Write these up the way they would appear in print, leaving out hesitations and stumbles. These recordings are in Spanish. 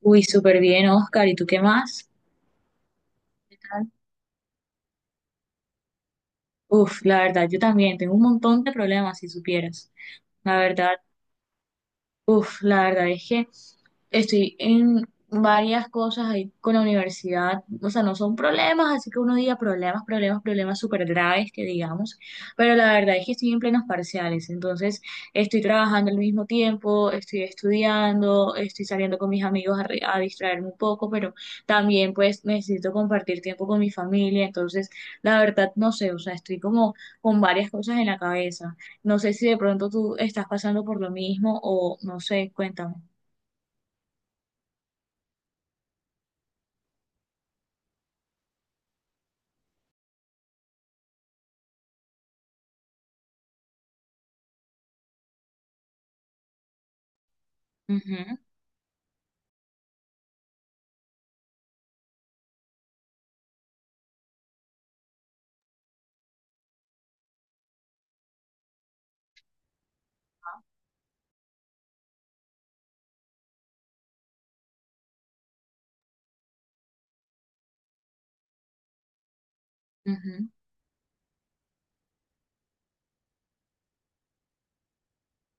Uy, súper bien, Oscar. ¿Y tú qué más? ¿Qué tal? Uf, la verdad, yo también tengo un montón de problemas, si supieras. La verdad, Uf, la verdad es que estoy en varias cosas ahí con la universidad, o sea, no son problemas, así que uno diga problemas, problemas, problemas súper graves que digamos, pero la verdad es que estoy en plenos parciales, entonces estoy trabajando al mismo tiempo, estoy estudiando, estoy saliendo con mis amigos a, a distraerme un poco, pero también pues necesito compartir tiempo con mi familia, entonces la verdad no sé, o sea, estoy como con varias cosas en la cabeza. No sé si de pronto tú estás pasando por lo mismo o no sé, cuéntame. Ujú, ujú.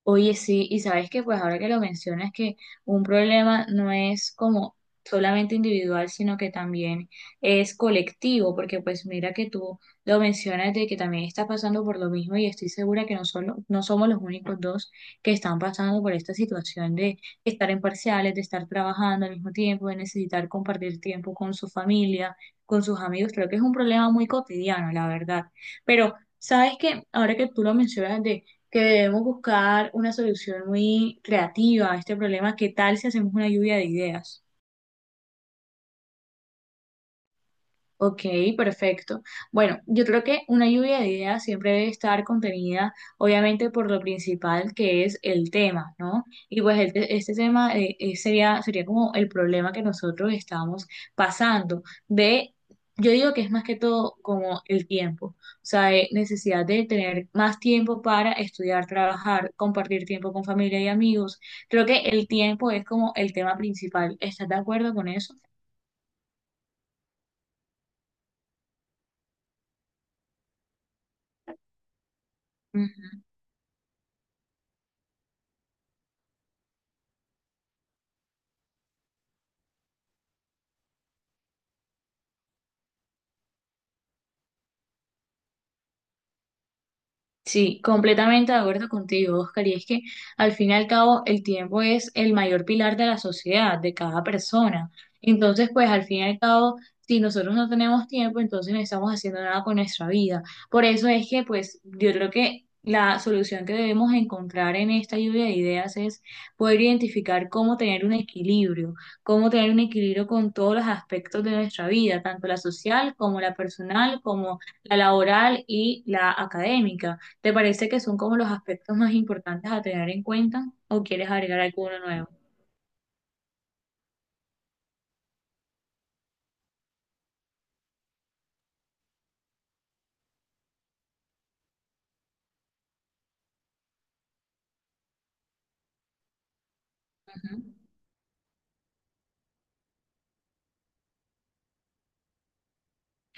Oye, sí, y sabes que pues ahora que lo mencionas que un problema no es como solamente individual, sino que también es colectivo, porque pues mira que tú lo mencionas de que también estás pasando por lo mismo y estoy segura que no solo, no somos los únicos dos que están pasando por esta situación de estar en parciales, de estar trabajando al mismo tiempo, de necesitar compartir tiempo con su familia, con sus amigos. Creo que es un problema muy cotidiano, la verdad. Pero sabes que ahora que tú lo mencionas que debemos buscar una solución muy creativa a este problema. ¿Qué tal si hacemos una lluvia de ideas? Ok, perfecto. Bueno, yo creo que una lluvia de ideas siempre debe estar contenida, obviamente, por lo principal que es el tema, ¿no? Y pues el este tema sería como el problema que nosotros estamos pasando de, yo digo que es más que todo como el tiempo, o sea, necesidad de tener más tiempo para estudiar, trabajar, compartir tiempo con familia y amigos. Creo que el tiempo es como el tema principal. ¿Estás de acuerdo con eso? Sí, completamente de acuerdo contigo, Oscar. Y es que al fin y al cabo el tiempo es el mayor pilar de la sociedad, de cada persona. Entonces, pues al fin y al cabo, si nosotros no tenemos tiempo, entonces no estamos haciendo nada con nuestra vida. Por eso es que, pues, yo creo que la solución que debemos encontrar en esta lluvia de ideas es poder identificar cómo tener un equilibrio, cómo tener un equilibrio con todos los aspectos de nuestra vida, tanto la social como la personal, como la laboral y la académica. ¿Te parece que son como los aspectos más importantes a tener en cuenta o quieres agregar alguno nuevo? Ujú.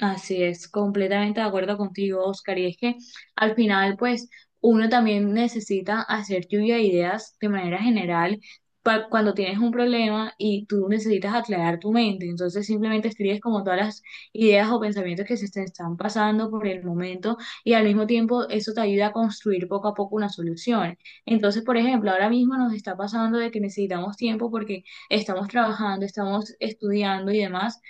Así es, completamente de acuerdo contigo, Oscar. Y es que al final, pues, uno también necesita hacer lluvia de ideas de manera general cuando tienes un problema y tú necesitas aclarar tu mente. Entonces, simplemente escribes como todas las ideas o pensamientos que se te están pasando por el momento y al mismo tiempo eso te ayuda a construir poco a poco una solución. Entonces, por ejemplo, ahora mismo nos está pasando de que necesitamos tiempo porque estamos trabajando, estamos estudiando y demás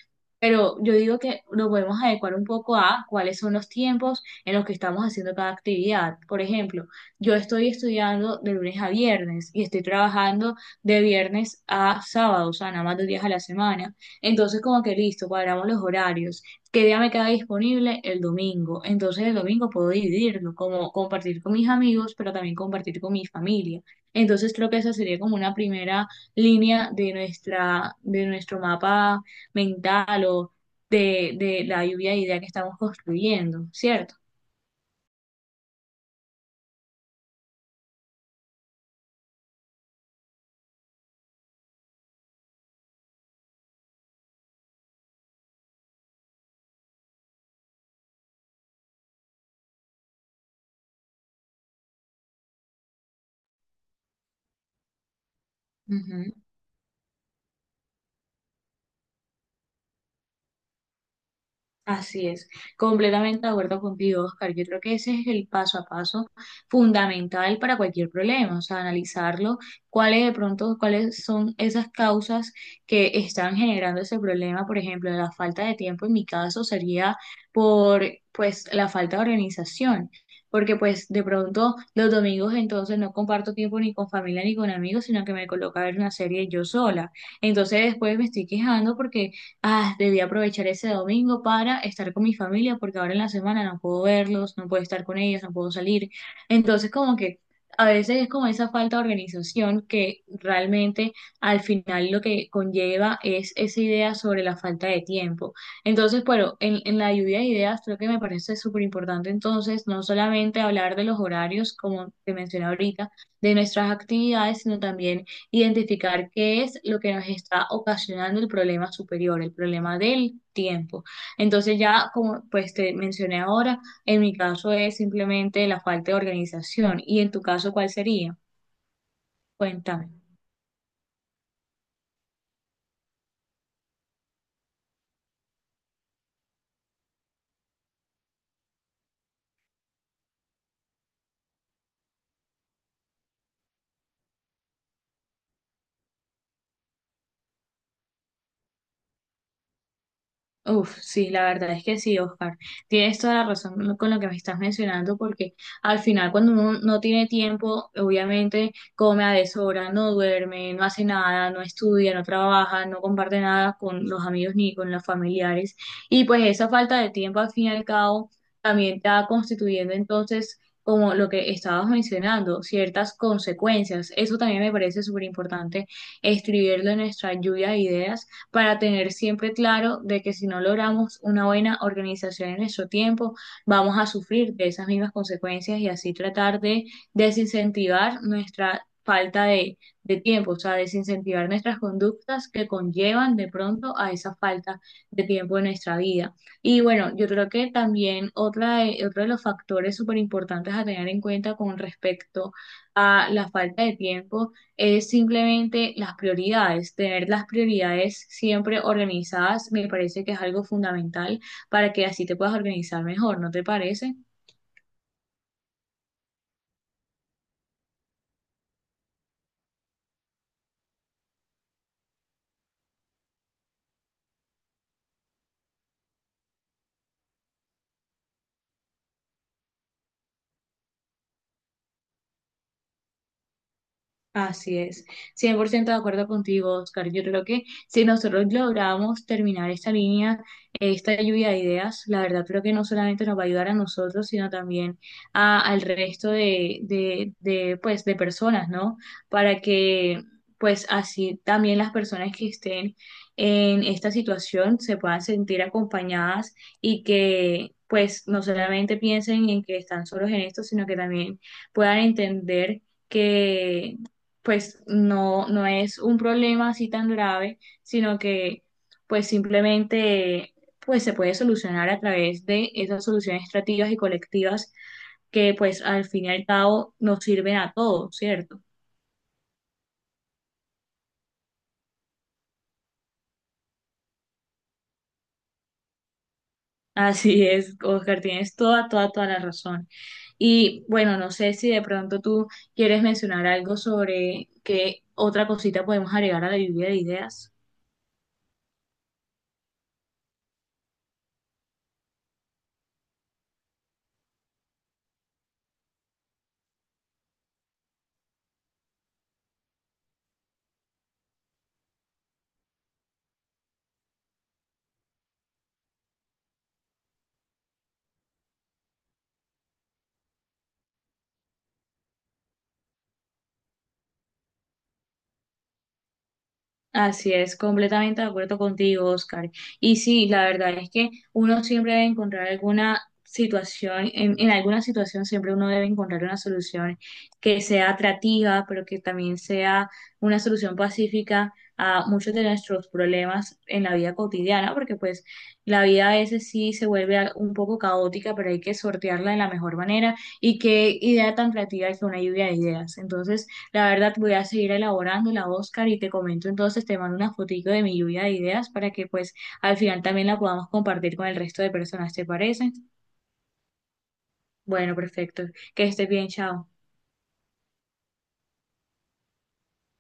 pero yo digo que nos podemos adecuar un poco a cuáles son los tiempos en los que estamos haciendo cada actividad. Por ejemplo, yo estoy estudiando de lunes a viernes y estoy trabajando de viernes a sábado, o sea, nada más 2 días a la semana. Entonces, como que listo, cuadramos los horarios. ¿Qué día me queda disponible? El domingo. Entonces, el domingo puedo dividirlo, como compartir con mis amigos, pero también compartir con mi familia. Entonces, creo que esa sería como una primera línea de nuestra, de nuestro mapa mental o de la lluvia de idea que estamos construyendo, ¿cierto? Ujú. Así es, completamente de acuerdo contigo, Oscar. Yo creo que ese es el paso a paso fundamental para cualquier problema, o sea, analizarlo, cuáles de pronto, cuáles son esas causas que están generando ese problema, por ejemplo, la falta de tiempo en mi caso sería por, pues, la falta de organización, porque pues de pronto los domingos entonces no comparto tiempo ni con familia ni con amigos, sino que me coloco a ver una serie yo sola. Entonces después me estoy quejando porque Ah, debí aprovechar ese domingo para estar con mi familia porque ahora en la semana no puedo verlos, no puedo estar con ellos, no puedo salir. Entonces, como que a veces es como esa falta de organización que realmente al final lo que conlleva es esa idea sobre la falta de tiempo. Entonces, bueno, en la lluvia de ideas creo que me parece súper importante entonces no solamente hablar de los horarios, como te mencioné ahorita, de nuestras actividades, sino también identificar qué es lo que nos está ocasionando el problema superior, el problema del tiempo. Entonces ya, como pues te mencioné ahora, en mi caso es simplemente la falta de organización. ¿Y en tu caso cuál sería? Cuéntame. Uf, sí, la verdad es que sí, Oscar. Tienes toda la razón con lo que me estás mencionando, porque al final cuando uno no tiene tiempo, obviamente come a deshora, no duerme, no hace nada, no estudia, no trabaja, no comparte nada con los amigos ni con los familiares. Y pues esa falta de tiempo al fin y al cabo también está constituyendo entonces, como lo que estabas mencionando, ciertas consecuencias. Eso también me parece súper importante escribirlo en nuestra lluvia de ideas para tener siempre claro de que si no logramos una buena organización en nuestro tiempo, vamos a sufrir de esas mismas consecuencias y así tratar de desincentivar nuestra falta de tiempo, o sea, desincentivar nuestras conductas que conllevan de pronto a esa falta de tiempo en nuestra vida. Y bueno, yo creo que también otra de, otro de los factores súper importantes a tener en cuenta con respecto a la falta de tiempo es simplemente las prioridades. Tener las prioridades siempre organizadas me parece que es algo fundamental para que así te puedas organizar mejor, ¿no te parece? Así es, 100% de acuerdo contigo, Oscar. Yo creo que si nosotros logramos terminar esta línea, esta lluvia de ideas, la verdad creo que no solamente nos va a ayudar a nosotros, sino también al resto pues, de personas, ¿no? Para que, pues, así también las personas que estén en esta situación se puedan sentir acompañadas y que, pues, no solamente piensen en que están solos en esto, sino que también puedan entender que pues no, no es un problema así tan grave, sino que pues simplemente pues se puede solucionar a través de esas soluciones estrategas y colectivas que pues al fin y al cabo nos sirven a todos, ¿cierto? Así es, Oscar, tienes toda, toda, toda la razón. Y bueno, no sé si de pronto tú quieres mencionar algo sobre qué otra cosita podemos agregar a la lluvia de ideas. Así es, completamente de acuerdo contigo, Oscar. Y sí, la verdad es que uno siempre debe encontrar alguna situación, en alguna situación siempre uno debe encontrar una solución que sea atractiva, pero que también sea una solución pacífica a muchos de nuestros problemas en la vida cotidiana, porque pues la vida a veces sí se vuelve un poco caótica, pero hay que sortearla de la mejor manera. Y qué idea tan creativa que una lluvia de ideas. Entonces, la verdad, voy a seguir elaborando la Oscar y te comento entonces, te mando una fotico de mi lluvia de ideas para que pues al final también la podamos compartir con el resto de personas, ¿te parece? Bueno, perfecto. Que estés bien, chao.